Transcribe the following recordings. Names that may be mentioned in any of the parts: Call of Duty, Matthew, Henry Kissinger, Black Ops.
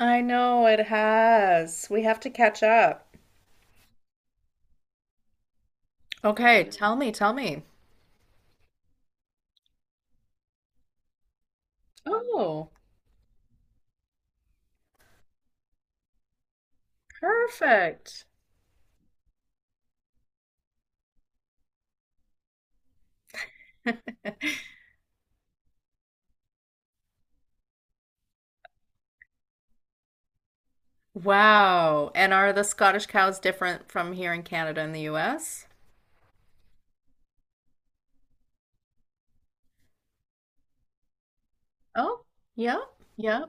I know it has. We have to catch up. Okay, tell me, tell me. Oh, perfect. Wow. And are the Scottish cows different from here in Canada and the US? Oh, yeah, yeah.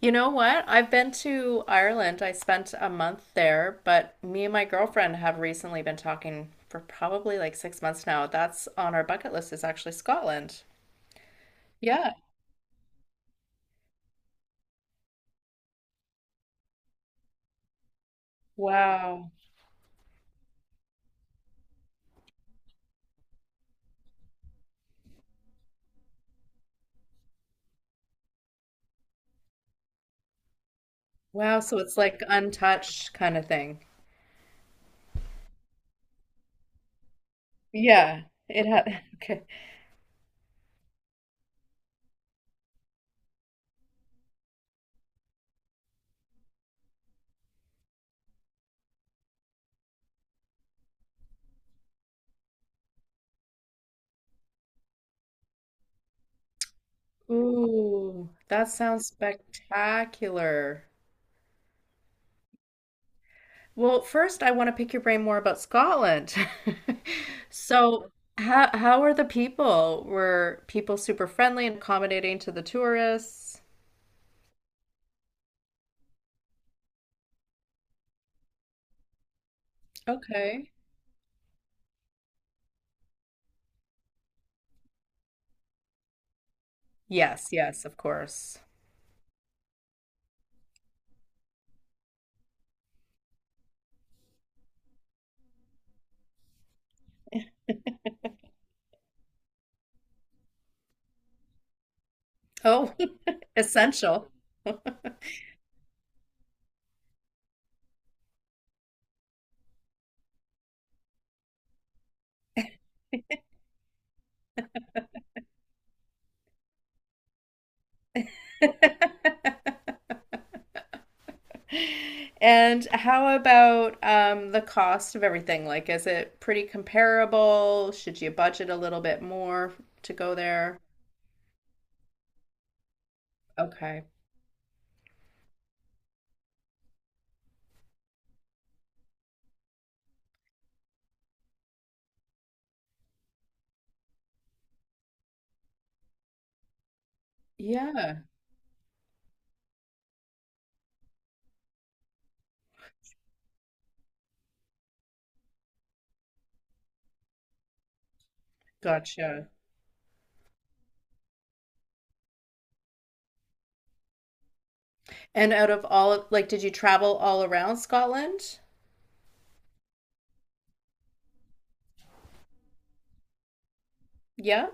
You know what? I've been to Ireland. I spent a month there, but me and my girlfriend have recently been talking for probably like 6 months now. That's on our bucket list, is actually Scotland. Yeah. Wow. Wow, so it's like untouched kind of thing. Yeah, it had. Okay. Ooh, that sounds spectacular. Well, first, I want to pick your brain more about Scotland. So, how are the people? Were people super friendly and accommodating to the tourists? Okay. Yes, yes, of course. Oh, essential. And how about the cost of everything? Like, is it pretty comparable? Should you budget a little bit more to go there? Okay. Yeah. Gotcha. And out of all of, like, did you travel all around Scotland? Yeah.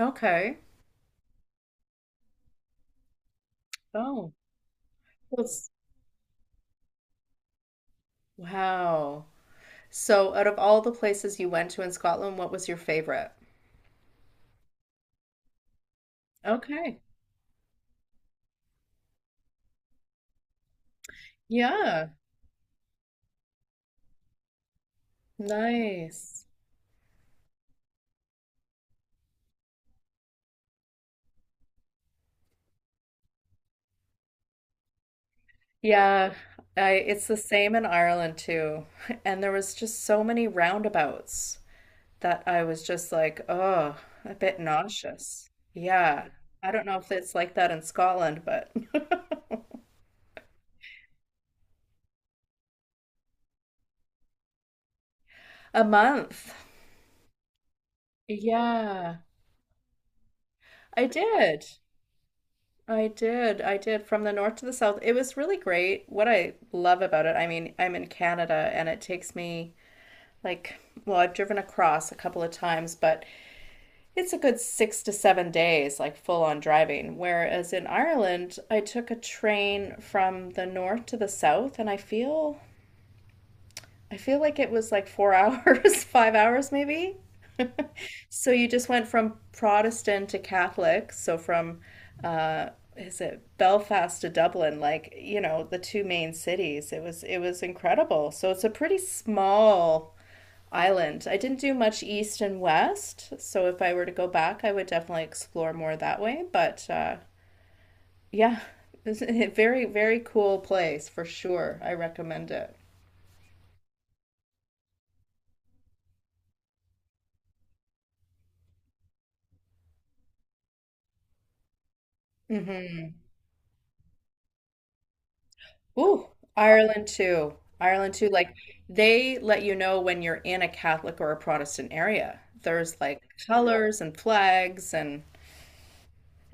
Okay. Oh, that's- wow. So, out of all the places you went to in Scotland, what was your favorite? Okay. Yeah. Nice. Yeah, I, it's the same in Ireland too. And there was just so many roundabouts that I was just like, oh, a bit nauseous. Yeah. I don't know if it's like that in Scotland, but a month. Yeah, I did. I did. I did from the north to the south. It was really great. What I love about it, I mean, I'm in Canada and it takes me like, well, I've driven across a couple of times, but it's a good 6 to 7 days, like full on driving. Whereas in Ireland, I took a train from the north to the south, and I feel like it was like 4 hours, 5 hours maybe. So you just went from Protestant to Catholic. So from uh, is it Belfast to Dublin, like you know, the two main cities. It was incredible. So it's a pretty small island. I didn't do much east and west, so if I were to go back, I would definitely explore more that way. But yeah, it's a very, very cool place for sure. I recommend it. Hmm. Ooh, Ireland too. Ireland too. Like they let you know when you're in a Catholic or a Protestant area. There's like colors and flags and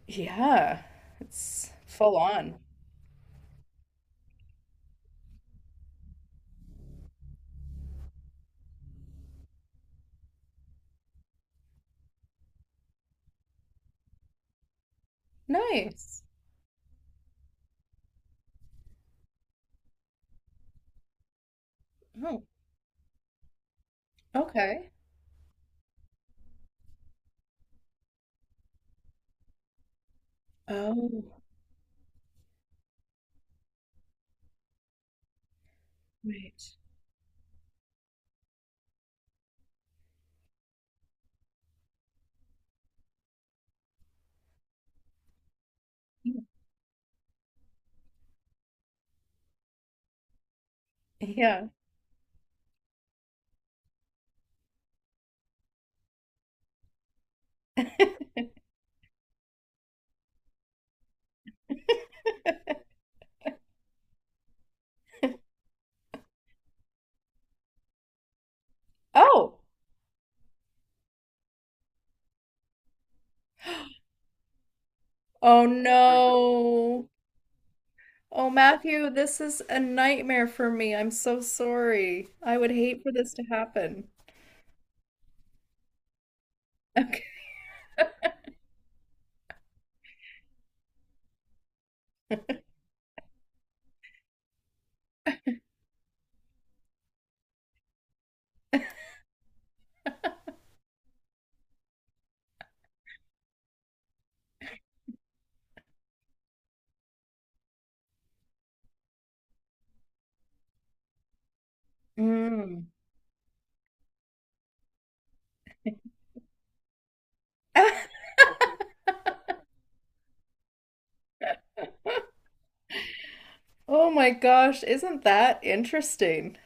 yeah, it's full on. Nice. Oh, okay. Oh, wait. Hmm. Yeah. Oh, oh no. Oh, Matthew, this is a nightmare for me. I'm so sorry. I would hate for this to happen. Okay. Mm. Oh my gosh, isn't that interesting?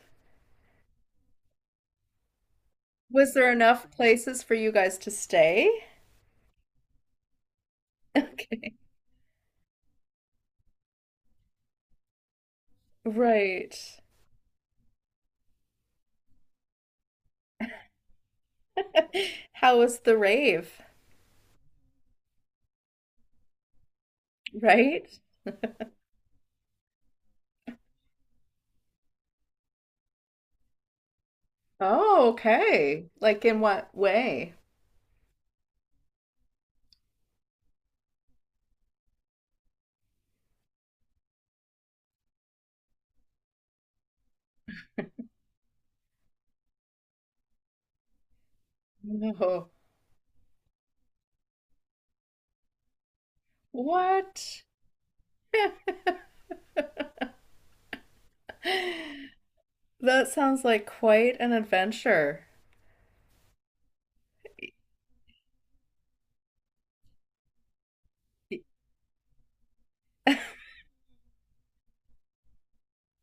Was there enough places for you guys to stay? Okay. Right. How was the rave? Right? Oh, okay. Like in what way? No. What? That sounds like quite an adventure.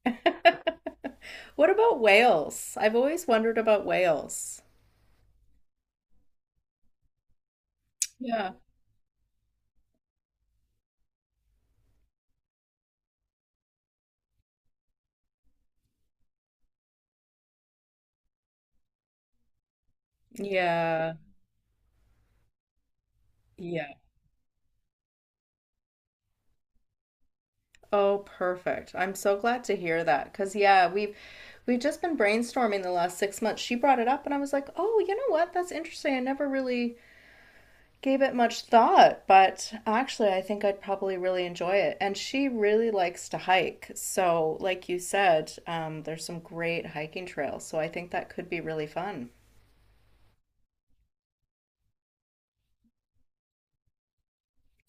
What about Wales? I've always wondered about Wales. Yeah. Yeah, yeah. Oh, perfect. I'm so glad to hear that because yeah, we've just been brainstorming the last 6 months. She brought it up and I was like, "Oh, you know what? That's interesting. I never really gave it much thought, but actually I think I'd probably really enjoy it." And she really likes to hike. So, like you said, there's some great hiking trails. So I think that could be really fun.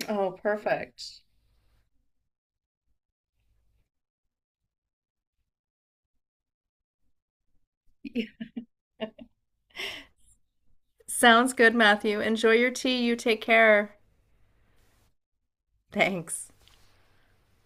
Oh, perfect. Sounds good, Matthew. Enjoy your tea. You take care. Thanks.